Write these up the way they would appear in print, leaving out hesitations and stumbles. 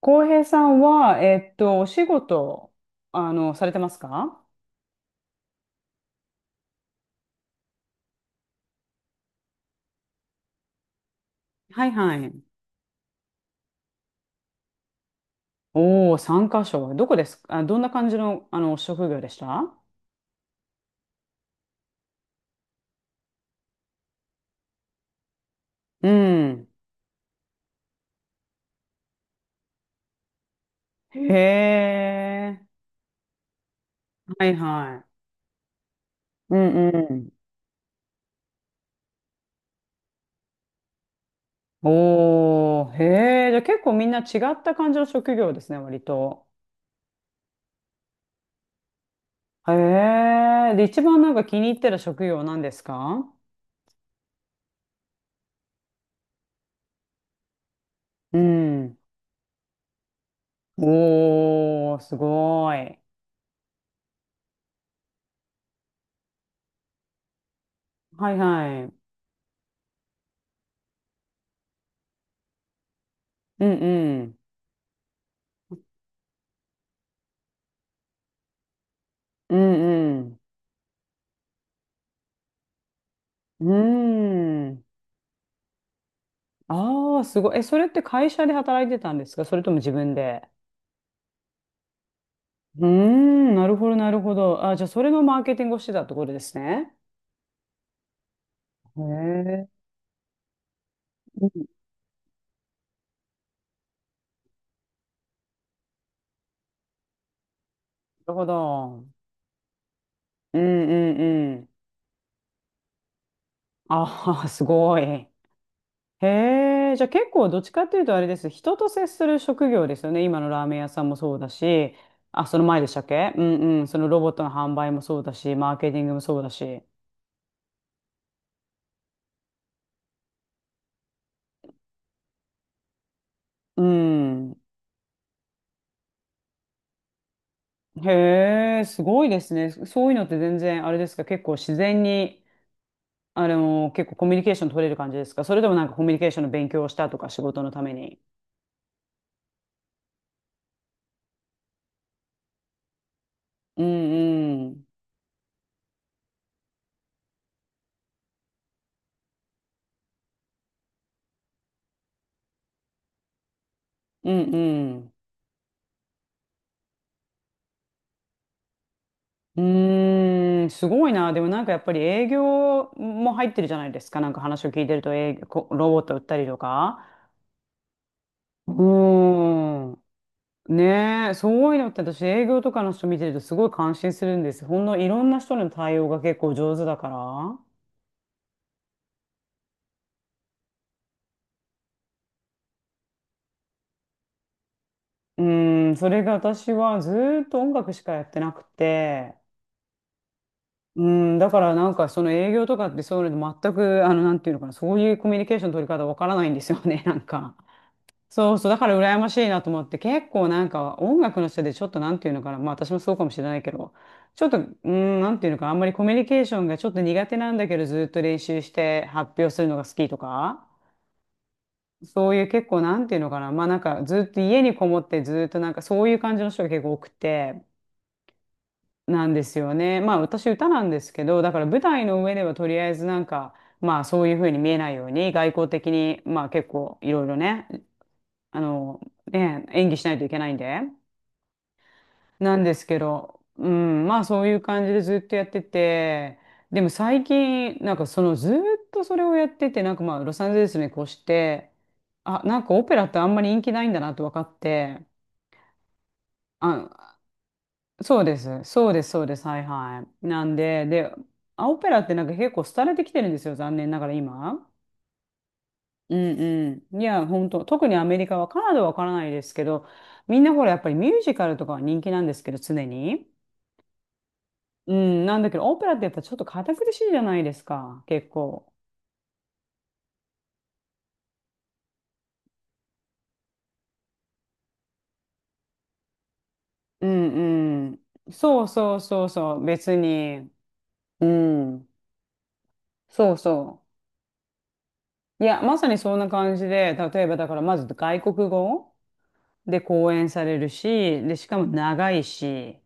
浩平さんは、お仕事、されてますか？はいはい。おおー、3カ所。どこですかあ、どんな感じの、職業でした？うん。へえ。はいはい。うんうん。おー、へえ。じゃあ結構みんな違った感じの職業ですね、割と。へえ。で、一番なんか気に入ってる職業なんですか？うん。おお、すごい。はいはい。うんうん。うんうん。うーん。ああ、すごい。え、それって会社で働いてたんですか、それとも自分で？うーん、なるほど、なるほど。あ、じゃあ、それのマーケティングをしてたところですね。へえ、うん、なるほど。うんうんうん。ああ、すごい。へえ、じゃあ結構どっちかっていうとあれです。人と接する職業ですよね。今のラーメン屋さんもそうだし、あ、その前でしたっけ？うんうん。そのロボットの販売もそうだし、マーケティングもそうだし。うん。へえ、すごいですね。そういうのって全然、あれですか、結構自然に、結構コミュニケーション取れる感じですか、それともなんかコミュニケーションの勉強をしたとか、仕事のために？うんうん。うんうん。うーん、すごいな。でもなんかやっぱり営業も入ってるじゃないですか。なんか話を聞いてると営業、こロボット売ったりとか。うーん。ねえ、そういうのって私営業とかの人見てるとすごい感心するんです。ほんのいろんな人の対応が結構上手だから。うん、それが私はずーっと音楽しかやってなくて、うん、だからなんかその営業とかってそういうの全く、なんていうのかな、そういうコミュニケーションの取り方わからないんですよね、なんか。そうそう、だから羨ましいなと思って、結構なんか音楽の人でちょっとなんていうのかな、まあ私もそうかもしれないけど、ちょっと、うん、なんていうのかな、あんまりコミュニケーションがちょっと苦手なんだけど、ずーっと練習して発表するのが好きとか。そういう結構なんていうのかな、まあなんかずっと家にこもってずっとなんかそういう感じの人が結構多くて、なんですよね。まあ私歌なんですけど、だから舞台の上ではとりあえずなんか、まあそういうふうに見えないように外交的に、まあ結構いろいろね、あの、ね、演技しないといけないんで、なんですけど、うん、まあそういう感じでずっとやってて、でも最近、なんかそのずっとそれをやってて、なんかまあロサンゼルスに越して、あ、なんかオペラってあんまり人気ないんだなと分かって、あ、そうです。そうです。そうです。はいはい。なんで、で、あオペラってなんか結構廃れてきてるんですよ。残念ながら今。うんうん。いや、本当、特にアメリカは、カナダはわからないですけど、みんなほら、やっぱりミュージカルとかは人気なんですけど、常に。うん、なんだけど、オペラってやっぱちょっと堅苦しいじゃないですか、結構。うんうん。そうそうそうそう、別に。うん。そうそう。いや、まさにそんな感じで、例えばだから、まず外国語。で、講演されるし、で、しかも長いし、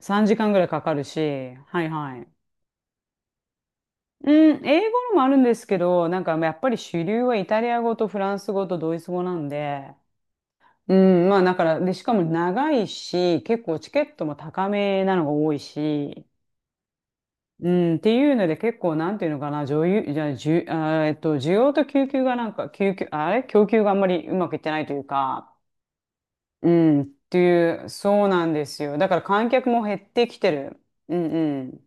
3時間ぐらいかかるし、はいはい。うん、英語のもあるんですけど、なんかやっぱり主流はイタリア語とフランス語とドイツ語なんで、うん、まあだから、で、しかも長いし、結構チケットも高めなのが多いし、うん、っていうので結構なんていうのかな、女優、じゃあ、じゅ、あー、需要と供給がなんか、供給、あれ供給があんまりうまくいってないというか、うん、っていう、そうなんですよ。だから観客も減ってきてる。うんうん。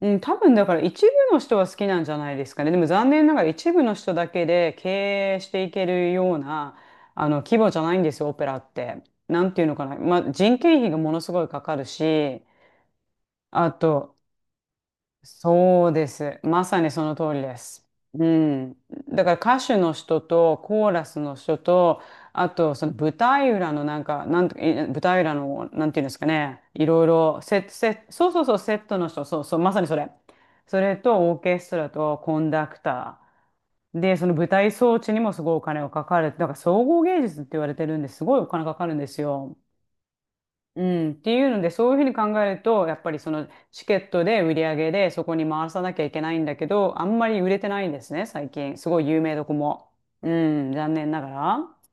うん、多分だから一部の人は好きなんじゃないですかね。でも残念ながら一部の人だけで経営していけるような、規模じゃないんですよ、オペラって。なんていうのかな。まあ、人件費がものすごいかかるし、あと、そうです。まさにその通りです。うん。だから歌手の人とコーラスの人と、あとその舞台裏のなんか、なんとか、い舞台裏の、なんていうんですかね、いろいろ、セット、セット、そうそうそう、セットの人、そうそう、まさにそれ。それとオーケストラとコンダクター。で、その舞台装置にもすごいお金がかかる。だから総合芸術って言われてるんですごいお金かかるんですよ。うん、っていうので、そういうふうに考えると、やっぱりそのチケットで売り上げでそこに回さなきゃいけないんだけど、あんまり売れてないんですね、最近。すごい有名どこも。うん、残念ながら。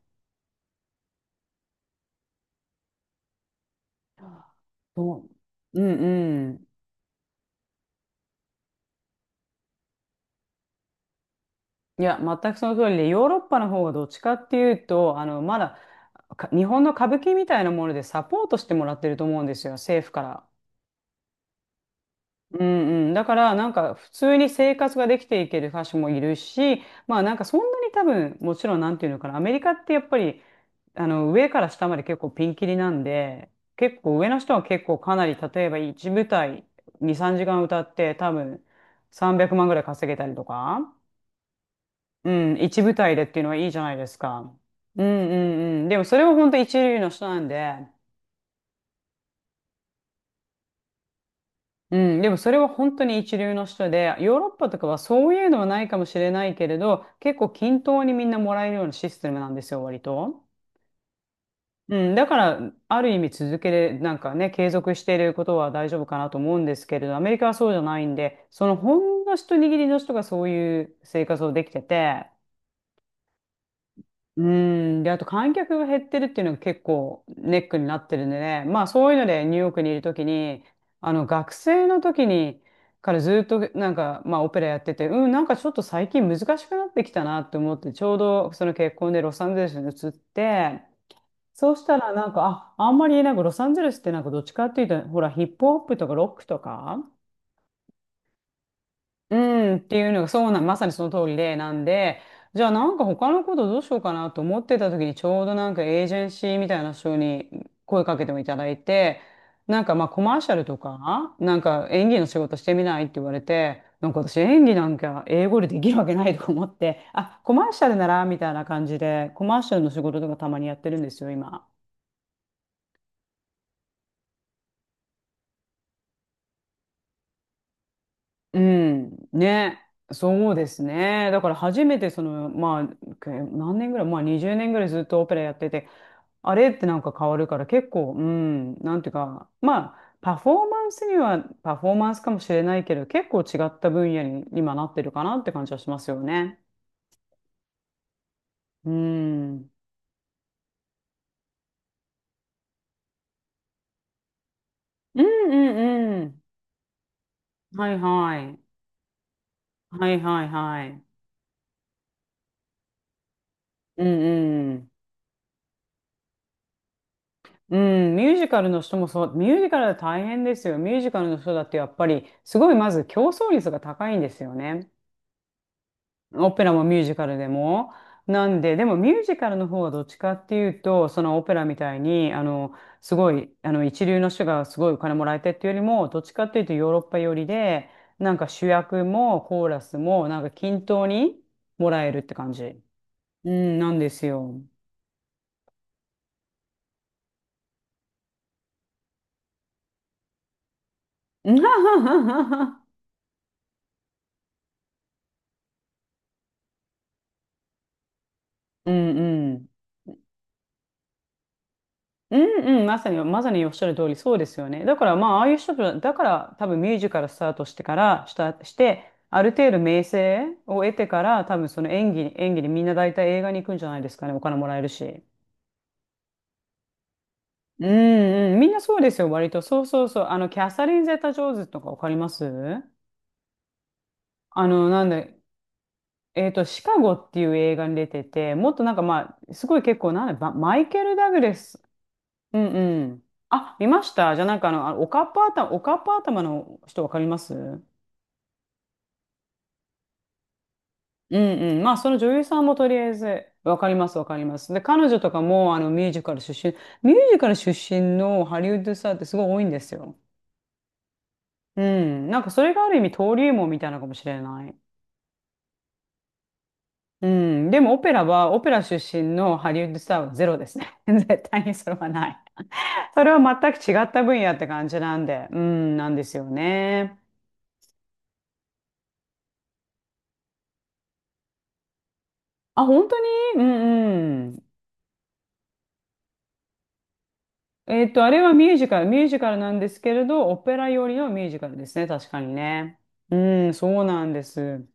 そう。うんうん。いや、全くその通りで、ヨーロッパの方がどっちかっていうと、まだ、か日本の歌舞伎みたいなものでサポートしてもらってると思うんですよ、政府から。うんうん、だからなんか普通に生活ができていける歌手もいる。し、まあなんかそんなに多分もちろんなんていうのかな、アメリカってやっぱり上から下まで結構ピンキリなんで、結構上の人は結構かなり、例えば1舞台2、3時間歌って多分300万ぐらい稼げたりとか、うん、1舞台でっていうのはいいじゃないですか。うんうんうん、でもそれは本当一流の人なんで。うん、でもそれは本当に一流の人で、ヨーロッパとかはそういうのはないかもしれないけれど、結構均等にみんなもらえるようなシステムなんですよ、割と。うん、だから、ある意味続けれ、なんかね、継続していることは大丈夫かなと思うんですけれど、アメリカはそうじゃないんで、そのほんの一握りの人がそういう生活をできてて、うん。で、あと観客が減ってるっていうのが結構ネックになってるんでね。まあそういうので、ニューヨークにいるときに、学生のときにからずっとまあオペラやってて、うん、なんかちょっと最近難しくなってきたなって思って、ちょうどその結婚でロサンゼルスに移って、そうしたらなんか、あ、あんまりなんかロサンゼルスってなんかどっちかっていうと、ほらヒップホップとかロックとか、うん、っていうのが、そうなまさにその通りで、なんで、じゃあなんか他のことどうしようかなと思ってた時に、ちょうどなんかエージェンシーみたいな人に声かけてもいただいて、なんかまあコマーシャルとか、なんか演技の仕事してみないって言われて、なんか私演技なんか英語でできるわけないとか思って、あ、コマーシャルならみたいな感じで、コマーシャルの仕事とかたまにやってるんですよ、今。うん、ね、そうですね。だから初めてその、まあ、け何年ぐらい、まあ20年ぐらいずっとオペラやってて、あれってなんか変わるから結構、うん、なんていうか、まあ、パフォーマンスにはパフォーマンスかもしれないけど、結構違った分野に今なってるかなって感じはしますよね。うん。うんうんうん。はいはい。はいはいはい。うんうん、ミュージカルの人もそう、ミュージカルは大変ですよ。ミュージカルの人だってやっぱり、すごいまず競争率が高いんですよね。オペラもミュージカルでも。なんで、でもミュージカルの方はどっちかっていうと、そのオペラみたいに、すごい、一流の人がすごいお金もらえてっていうよりも、どっちかっていうとヨーロッパ寄りで、なんか主役もコーラスも、なんか均等にもらえるって感じ。うん、なんですよ。うんうんうんうん、まさに、まさにおっしゃる通り、そうですよね。だから、まあ、ああいう人たち、だから、多分ミュージカルスタートしてから、した、して、ある程度名声を得てから、多分その演技、演技でみんな大体映画に行くんじゃないですかね。お金もらえるし。うんうん、みんなそうですよ、割と。そうそうそう。キャサリン・ゼタ・ジョーンズとかわかりますあの、なんだ、シカゴっていう映画に出てて、もっとなんかまあ、すごい結構、なんだ、ばマイケル・ダグラスうんうん。あ、見ました。じゃあなんかあの、あのおかっぱ頭、おかっぱ頭の人わかりますうんうん。まあその女優さんもとりあえずわかりますわかります。で、彼女とかもあのミュージカル出身、ミュージカル出のハリウッドスターってすごい多いんですよ。うん。なんかそれがある意味登竜門みたいなのかもしれない。うん。でもオペラは、オペラ出身のハリウッドスターはゼロですね。絶対にそれはない。それは全く違った分野って感じなんで、うん、なんですよね。あ、本当にうんうん。あれはミュージカル、ミュージカルなんですけれど、オペラよりのミュージカルですね、確かにね。うん、そうなんです。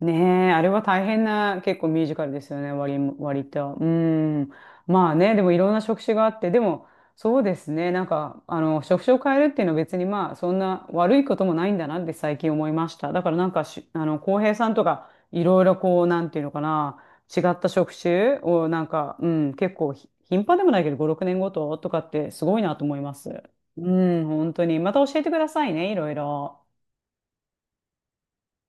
ねえ、あれは大変な結構ミュージカルですよね、割も、割と。うん。まあね、でもいろんな職種があって、でもそうですね、なんか、職種を変えるっていうのは別にまあ、そんな悪いこともないんだなって最近思いました。だからなんかし、浩平さんとか、いろいろこう、なんていうのかな、違った職種をなんか、うん、結構ひ頻繁でもないけど、5、6年ごととかってすごいなと思います。うん、本当に。また教えてくださいね、いろいろ。